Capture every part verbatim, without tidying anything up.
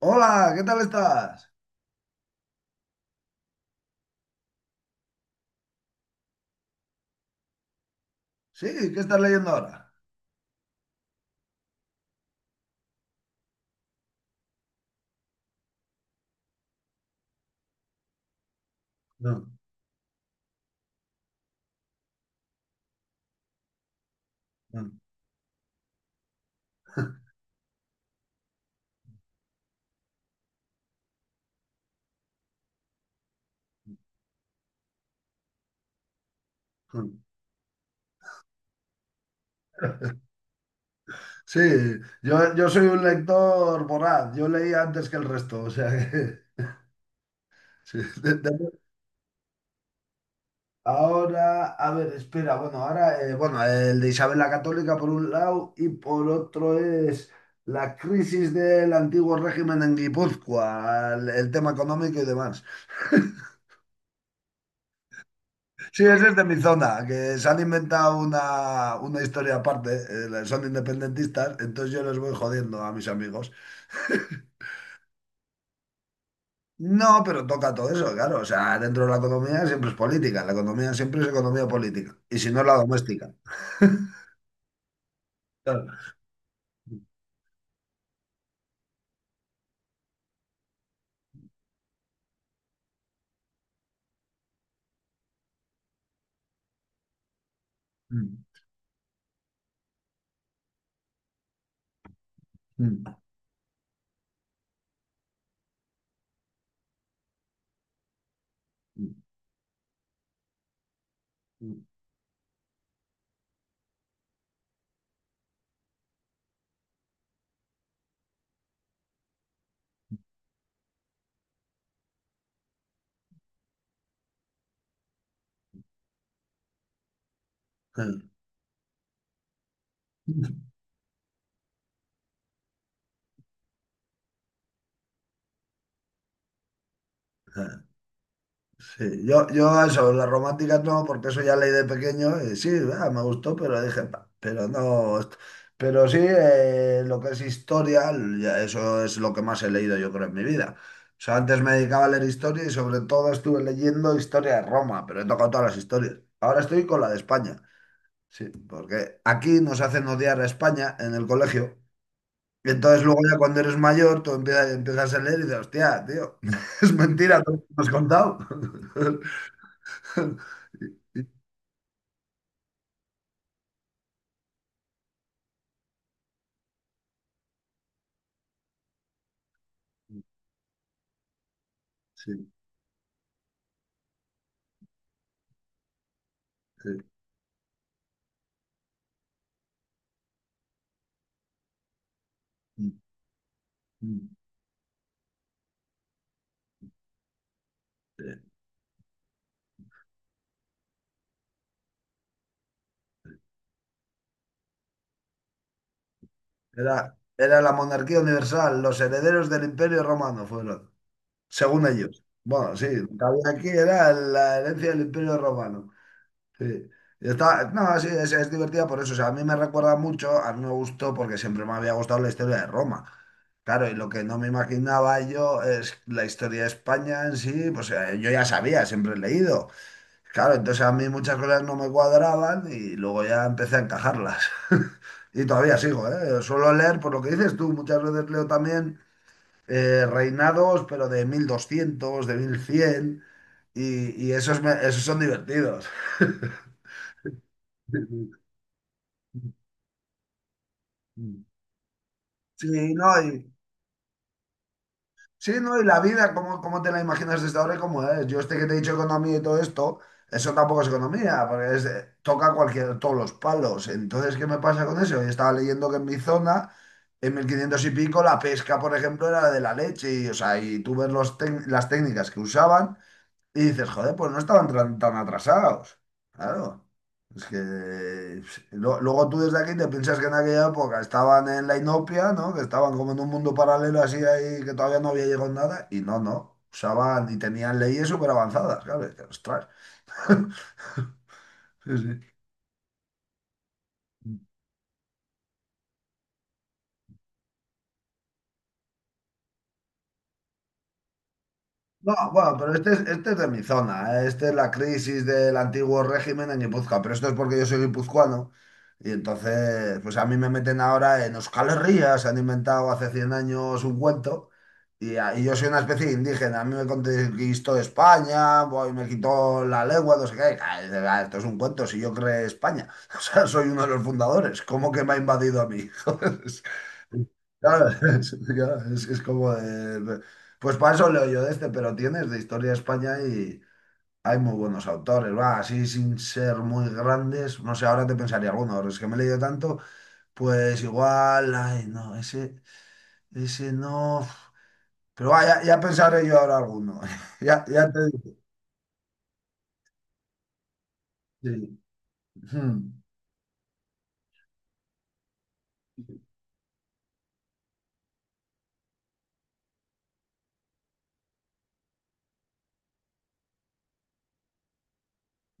Hola, ¿qué tal estás? Sí, ¿qué estás leyendo ahora? No, no. Sí, yo, yo soy un lector voraz, yo leí antes que el resto, o sea que... sí, de- de- ahora, a ver, espera, bueno, ahora, eh, bueno, el de Isabel la Católica por un lado y por otro es la crisis del antiguo régimen en Guipúzcoa, el, el tema económico y demás. Sí, ese es de mi zona, que se han inventado una, una historia aparte, eh, son independentistas, entonces yo les voy jodiendo a mis amigos. No, pero toca todo eso, claro, o sea, dentro de la economía siempre es política, la economía siempre es economía política, y si no, la doméstica. Claro. Mm, mm, mm, mm. Mm, mm, mm, mm, mm. Sí, yo, yo eso, las románticas no, porque eso ya leí de pequeño y sí, ah, me gustó, pero dije, "Pa", pero no, est- pero sí, eh, lo que es historia, ya eso es lo que más he leído yo creo en mi vida. O sea, antes me dedicaba a leer historia y sobre todo estuve leyendo historia de Roma, pero he tocado todas las historias. Ahora estoy con la de España, sí, porque aquí nos hacen odiar a España en el colegio. Y entonces luego ya cuando eres mayor, tú empiezas, empiezas a leer y dices, hostia, tío, es mentira todo lo que me has contado. Sí, eh, mm, mm, eh, Era, era la monarquía universal, los herederos del Imperio Romano fueron, según ellos. Bueno, sí, lo que había aquí era la herencia del Imperio Romano. Sí. Y está- no, sí, es, es divertida por eso. O sea, a mí me recuerda mucho, a mí me gustó porque siempre me había gustado la historia de Roma. Claro, y lo que no me imaginaba yo es la historia de España en sí, pues eh, yo ya sabía, siempre he leído. Claro, entonces a mí muchas cosas no me cuadraban y luego ya empecé a encajarlas. Y todavía sigo, ¿eh? Suelo leer, por lo que dices tú, muchas veces leo también eh, reinados, pero de mil doscientos, de mil cien, y, y esos, me- esos son divertidos. Sí, no. Sí, no, y la vida, ¿cómo, cómo te la imaginas desde ahora y cómo es? Yo este que te he dicho economía y todo esto, eso tampoco es economía, porque es, eh, toca cualquier, todos los palos. Entonces, ¿qué me pasa con eso? Yo estaba leyendo que en mi zona, en mil quinientos y pico, la pesca, por ejemplo, era de la leche, y, o sea, y tú ves los tec- las técnicas que usaban, y dices, joder, pues no estaban tan, tan atrasados. Claro. Es que pues, lo- luego tú desde aquí te piensas que en aquella época estaban en la inopia, ¿no? Que estaban como en un mundo paralelo así ahí, que todavía no había llegado nada. Y no, no. Usaban y tenían leyes súper avanzadas, claro. Y dices, ostras. No, bueno, pero este es, este es de mi zona, ¿eh? Este es la crisis del antiguo régimen en Guipúzcoa, pero esto es porque yo soy guipuzcoano y entonces, pues a mí me meten ahora en Euskal Herria, se han inventado hace cien años un cuento y, a- y yo soy una especie de indígena, a mí me conquistó España, voy, me quitó la lengua, no sé qué, ah, esto es un cuento, si yo creé España, o sea, soy uno de los fundadores, ¿cómo que me ha invadido a mí? Joder, es- claro, es, claro, es- es como de, pues para eso leo yo de este, pero tienes de historia de España y hay muy buenos autores, va, así sin ser muy grandes, no sé, ahora te pensaría alguno, ahora es que me he leído tanto, pues igual, ay, no, ese, ese no, pero va, ya, ya pensaré yo ahora alguno, ya, ya te digo, sí. Hmm.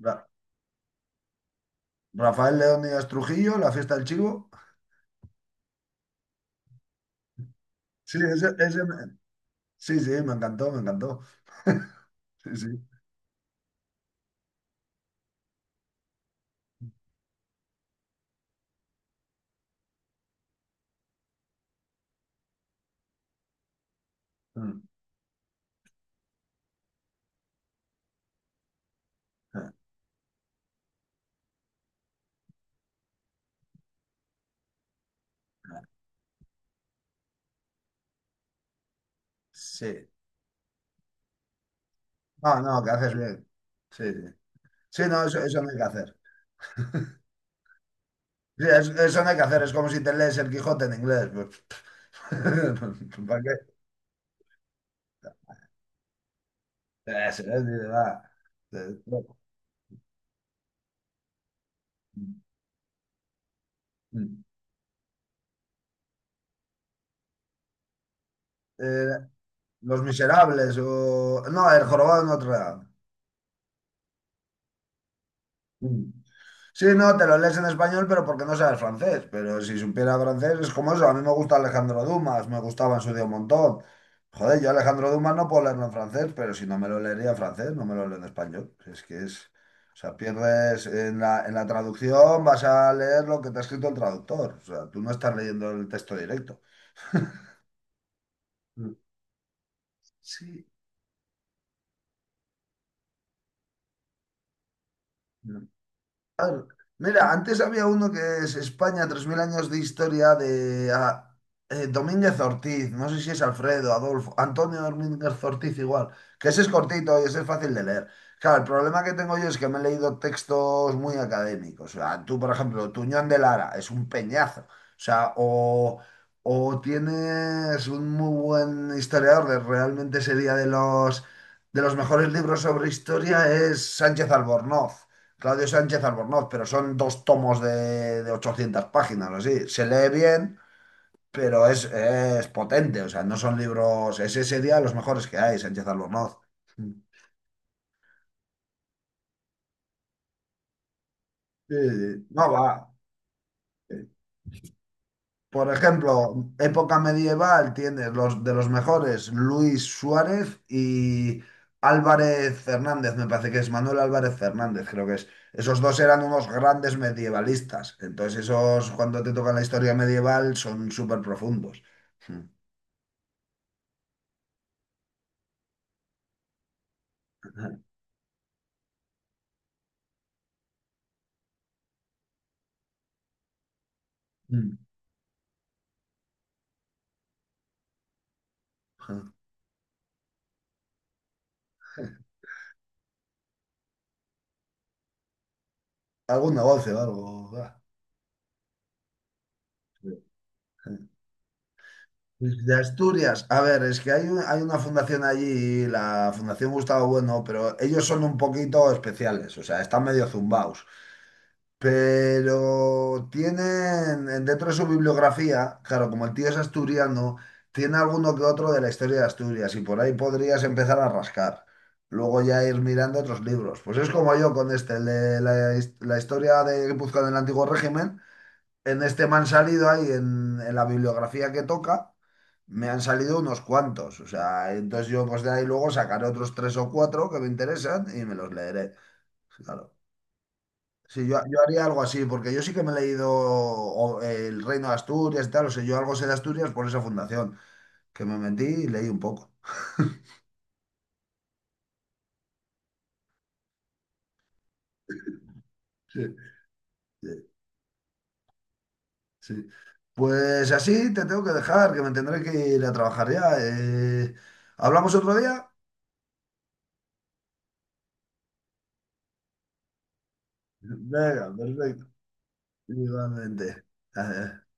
Ra- Rafael Leónidas Trujillo, La fiesta del chivo, sí, ese, ese me- sí, sí, me encantó, me encantó, sí, sí. Mm. Sí, no, no, que haces bien, sí, sí. Sí, no, eso, eso no hay que hacer. Sí, es- eso no hay que hacer. Es como si te lees el Quijote en inglés. Pues, ¿para qué? Eso es, dice, va. Eh, eh, Los Miserables o... No, El Jorobado de Notre Dame. Mm. Sí, no, te lo lees en español, pero porque no sabes francés. Pero si supiera francés, es como eso. A mí me gusta Alejandro Dumas, me gustaba en su día un montón. Joder, yo Alejandro Dumas no puedo leerlo en francés, pero si no me lo leería en francés, no me lo leo en español. Es que es. O sea, pierdes en la, en la traducción, vas a leer lo que te ha escrito el traductor. O sea, tú no estás leyendo el texto directo. Mm, sí. Claro. Mira, antes había uno que es España, tres mil años de historia de ah, eh, Domínguez Ortiz, no sé si es Alfredo, Adolfo, Antonio Domínguez Ortiz igual, que ese es cortito y ese es fácil de leer. Claro, el problema que tengo yo es que me he leído textos muy académicos. O sea, tú, por ejemplo, Tuñón de Lara es un peñazo. O sea, o, o tienes un muy buen historiador, de- realmente sería de los, de los mejores libros sobre historia, es Sánchez Albornoz. Claudio Sánchez Albornoz, pero son dos tomos de, de ochocientas páginas, así. Se lee bien, pero es, es potente, o sea, no son libros, es ese día los mejores que hay, Sánchez Albornoz. Sí, sí. No va. Por ejemplo, época medieval tienes los de los mejores, Luis Suárez y Álvarez Fernández, me parece que es Manuel Álvarez Fernández, creo que es. Esos dos eran unos grandes medievalistas. Entonces, esos cuando te tocan la historia medieval son súper profundos. Algún negocio, algo. Ah. De Asturias, a ver, es que hay, un- hay una fundación allí, la Fundación Gustavo Bueno, pero ellos son un poquito especiales, o sea, están medio zumbaos. Pero tienen en- dentro de su bibliografía, claro, como el tío es asturiano, tiene alguno que otro de la historia de Asturias y por ahí podrías empezar a rascar. Luego ya ir mirando otros libros. Pues es como yo con este, el de la, his- la historia de Guipúzcoa en el Antiguo Régimen. En este me han salido ahí, en, en la bibliografía que toca, me han salido unos cuantos. O sea, entonces yo pues de ahí luego sacaré otros tres o cuatro que me interesan y me los leeré. Claro. Sí, yo, yo haría algo así, porque yo sí que me he leído o, eh, El Reino de Asturias y tal, o sea, yo algo sé de Asturias por esa fundación, que me metí y leí un poco. Sí, sí, sí. Pues así te tengo que dejar, que me tendré que ir a trabajar ya. eh. ¿Hablamos otro día? Venga, perfecto. Igualmente.